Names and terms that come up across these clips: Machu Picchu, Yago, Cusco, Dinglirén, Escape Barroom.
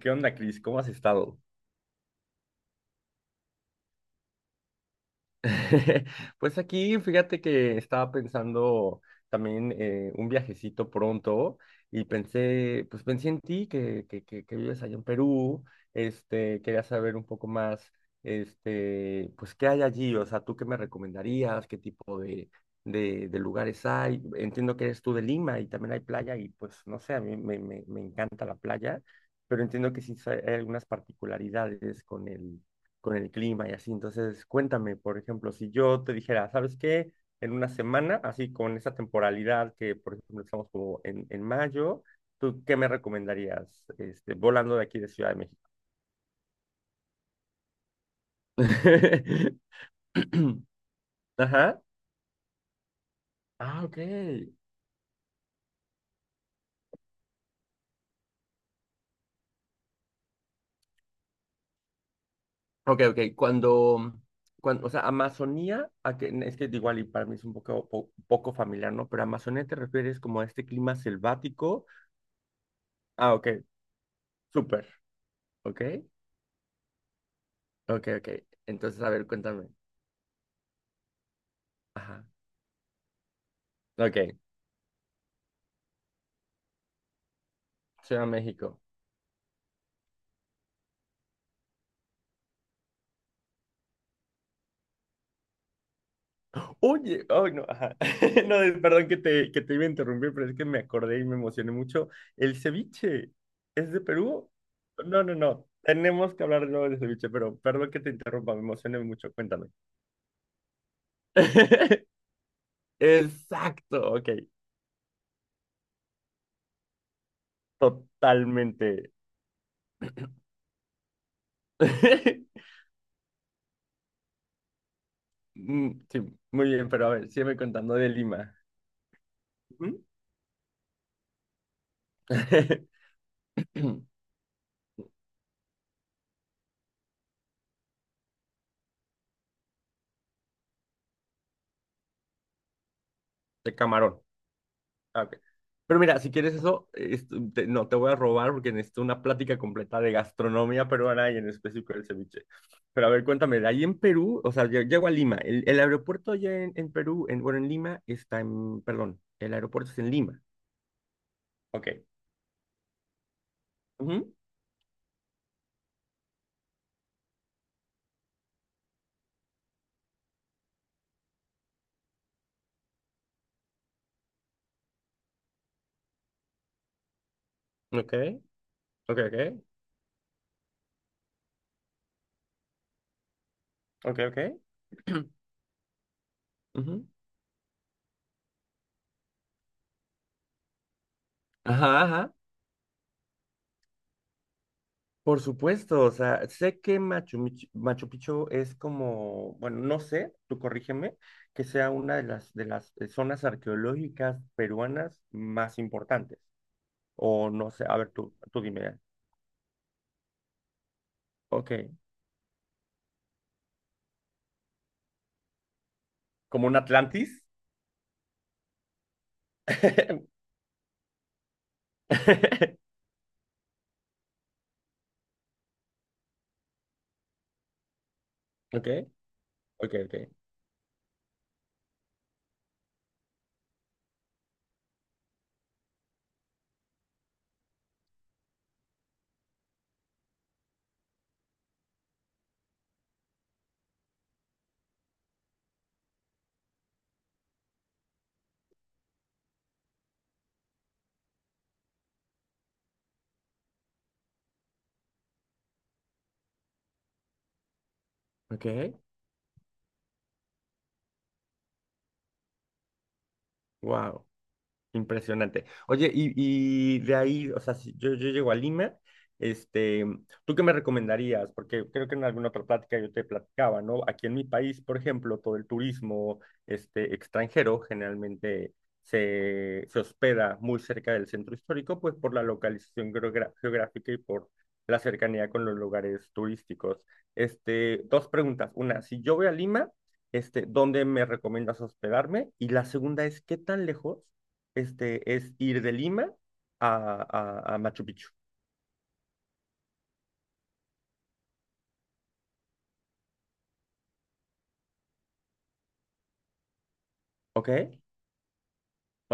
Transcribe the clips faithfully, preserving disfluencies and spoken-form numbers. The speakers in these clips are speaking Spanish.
¿Qué onda, Cris? ¿Cómo has estado? Pues aquí, fíjate que estaba pensando también eh, un viajecito pronto y pensé, pues pensé en ti, que, que, que, que vives allá en Perú, este, quería saber un poco más, este, pues qué hay allí, o sea, ¿tú qué me recomendarías? ¿Qué tipo de, de, de lugares hay? Entiendo que eres tú de Lima y también hay playa y pues no sé, a mí me, me, me encanta la playa, pero entiendo que sí hay algunas particularidades con el con el clima y así. Entonces, cuéntame, por ejemplo, si yo te dijera, ¿sabes qué? En una semana, así con esa temporalidad que, por ejemplo, estamos como en, en mayo, ¿tú qué me recomendarías este, volando de aquí de Ciudad de México? Ajá. Ah, ok. Ok, ok. Cuando, cuando, o sea, Amazonía, a que, es que igual y para mí es un poco, po- poco familiar, ¿no? Pero Amazonía te refieres como a este clima selvático. Ah, ok. Súper. Ok. Ok, ok. Entonces, a ver, cuéntame. Ajá. Ok, Ciudad de México. Oye, ay no, ajá. No, es- perdón que te, que te iba a interrumpir, pero es que me acordé y me emocioné mucho. ¿El ceviche es de Perú? No, no, no. Tenemos que hablar luego de ceviche, pero perdón que te interrumpa, me emocioné mucho. Cuéntame. Exacto, ok. Totalmente. Mm, sí, muy bien, pero a ver, sígueme contando de Lima. Ujú. De camarón. Ah, ok. Pero mira, si quieres eso, es- te- no, te voy a robar porque necesito una plática completa de gastronomía peruana y en específico del ceviche. Pero a ver, cuéntame, de ahí en Perú, o sea, lle- llego a Lima. El, el aeropuerto allá en, en Perú, en, bueno, en Lima está en, perdón, el aeropuerto es en Lima. Ok. Ujú. Ok, ok, ok, ok, ok. Ujú. Ajá, ajá. Por supuesto, o sea, sé que Machu, Mich- Machu Picchu es como, bueno, no sé, tú corrígeme, que sea una de las, de las eh, zonas arqueológicas peruanas más importantes. O no sé, a ver, tú, tú dime. Ok, como un Atlantis. Ok, ok, ok, ok, wow. Impresionante. Oye, y, y de ahí, o sea, si yo, yo llego a Lima, este, ¿tú qué me recomendarías? Porque creo que en alguna otra plática yo te platicaba, ¿no? Aquí en mi país, por ejemplo, todo el turismo, este, extranjero generalmente se, se hospeda muy cerca del centro histórico, pues por la localización geogra- geográfica y por la cercanía con los lugares turísticos. Este, dos preguntas. Una, si yo voy a Lima, este, ¿dónde me recomiendas hospedarme? Y la segunda es, ¿qué tan lejos? este, es ir de Lima a, a, a Machu Picchu. ¿Ok?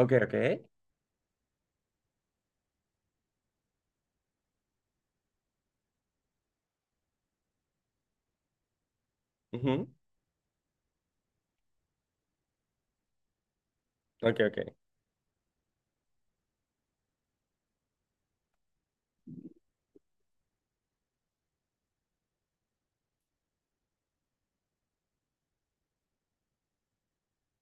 Ok, ok. Ujú, ok, ok.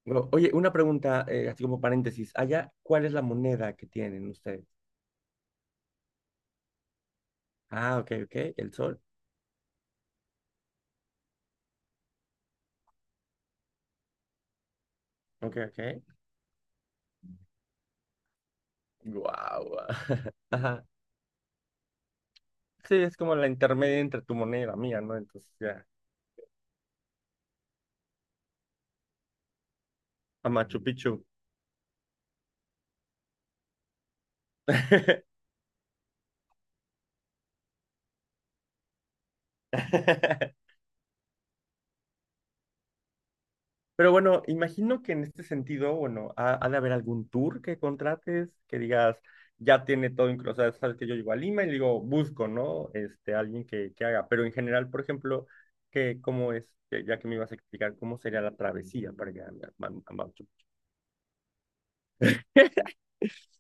Bueno, oye, una pregunta, eh, así como paréntesis. Allá, ¿cuál es la moneda que tienen ustedes? Ah, ok, ok. El sol. Ok, ok. Guau. Ajá. Sí, es como la intermedia entre tu moneda y la mía, ¿no? Entonces, ya. A Machu Picchu. Pero bueno, imagino que en este sentido, bueno, ha, ha de haber algún tour que contrates, que digas, ya tiene todo incluso, o sea, sabes que yo llego a Lima y le digo, busco, ¿no? Este, alguien que, que haga. Pero en general, por ejemplo, que, ¿cómo es? Que ya que me ibas a explicar cómo sería la travesía para llegar a...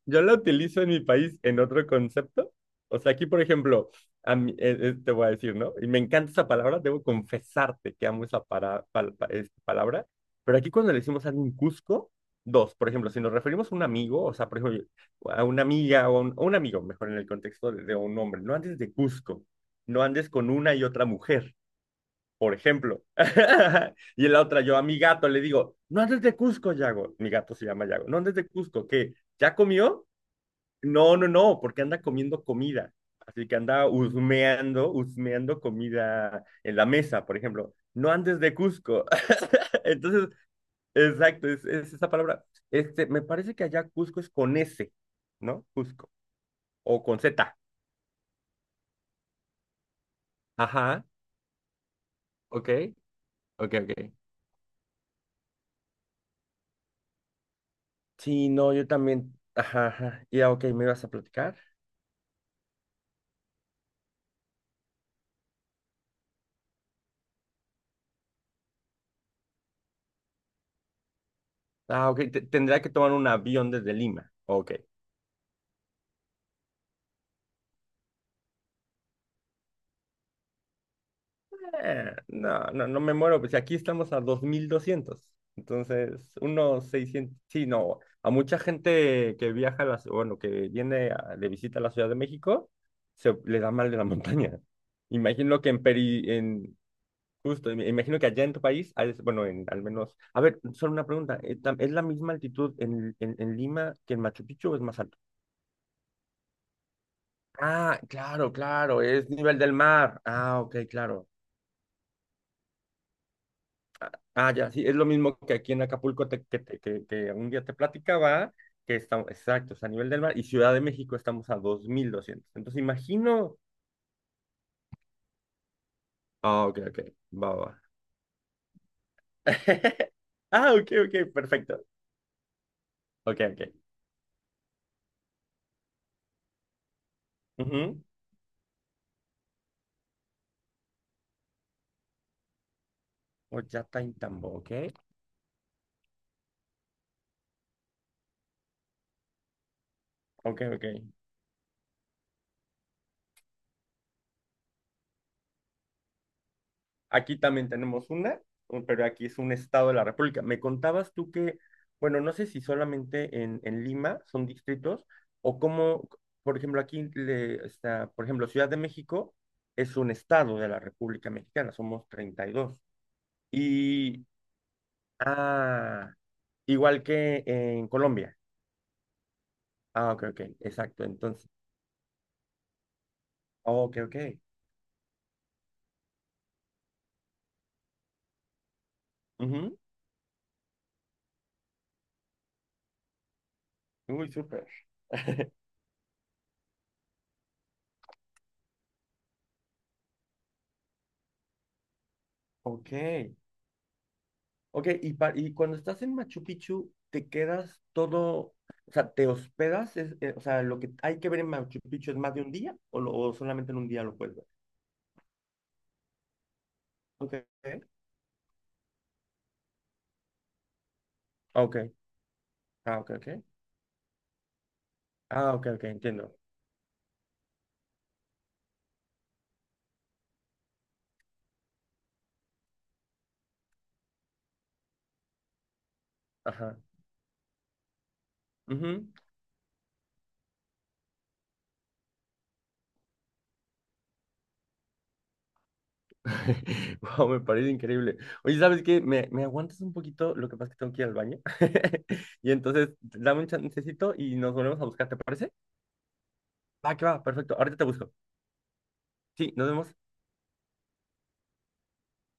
Yo la utilizo en mi país en otro concepto. O sea, aquí, por ejemplo, a mí- eh, eh, te voy a decir, ¿no? Y me encanta esa palabra, debo confesarte que amo esa para- pal- pa- es- palabra. Pero aquí cuando le decimos a alguien Cusco, dos, por ejemplo, si nos referimos a un amigo, o sea, por ejemplo, a una amiga o a un, a un amigo, mejor en el contexto de, de un hombre, no andes de Cusco, no andes con una y otra mujer, por ejemplo. Y en la otra, yo a mi gato le digo, no andes de Cusco, Yago. Mi gato se llama Yago, no andes de Cusco, ¿qué? ¿Ya comió? No, no, no, porque anda comiendo comida. Así que anda husmeando, husmeando comida en la mesa, por ejemplo. No andes de Cusco. Entonces, exacto, es, es esa palabra. Este, me parece que allá Cusco es con S, ¿no? Cusco. O con Z. Ajá, ok, ok, ok. Sí, no, yo también. Ajá, ajá. Ya, ok, ¿me ibas a platicar? Ah, ok, te- tendría que tomar un avión desde Lima. Ok. Eh, no, no, no me muero, pues aquí estamos a dos mil doscientos. Entonces, unos seiscientos sí, no, a mucha gente que viaja, a las, bueno, que viene a- de visita a la Ciudad de México, se le da mal de la montaña. Imagino que en Peri, en, justo, im- imagino que allá en tu país, ah, es- bueno, en, al menos, a ver, solo una pregunta, eh, tam- ¿es la misma altitud en, en, en Lima que en Machu Picchu o es más alto? Ah, claro, claro, es nivel del mar. Ah, ok, claro. Ah, ya, sí, es lo mismo que aquí en Acapulco, te- que, te- que, que un día te platicaba, que estamos, exacto, es a nivel del mar, y Ciudad de México estamos a dos mil doscientos. Entonces, imagino. Ah, ok, ok, va, va. Ah, ok, ok, perfecto. Ok, ok. Ujú. O ya está en tambo, ok. Ok, ok. Aquí también tenemos una, pero aquí es un estado de la República. Me contabas tú que, bueno, no sé si solamente en, en Lima son distritos o cómo, por ejemplo, aquí le- está, por ejemplo, Ciudad de México es un estado de la República Mexicana, somos treinta y dos. Y, dos. Y, ah, igual que en Colombia. Ah, ok, ok, exacto. Entonces, ok, ok. Ujú. Uy, súper. Ok. Ok, y, pa- y cuando estás en Machu Picchu, te quedas todo, o sea, te hospedas. Es- eh, o sea, lo que hay que ver en Machu Picchu es más de un día o, lo- o solamente en un día lo puedes ver. Ok. Ok. Ah, ok, ok. Ah, ok, ok, entiendo. Ajá. Ujú. Wow, me parece increíble. Oye, ¿sabes qué? ¿Me, me aguantas un poquito? Lo que pasa es que tengo que ir al baño. Y entonces, dame un chancecito y nos volvemos a buscar, ¿te parece? Va, que va, perfecto. Ahorita te busco. Sí, nos vemos.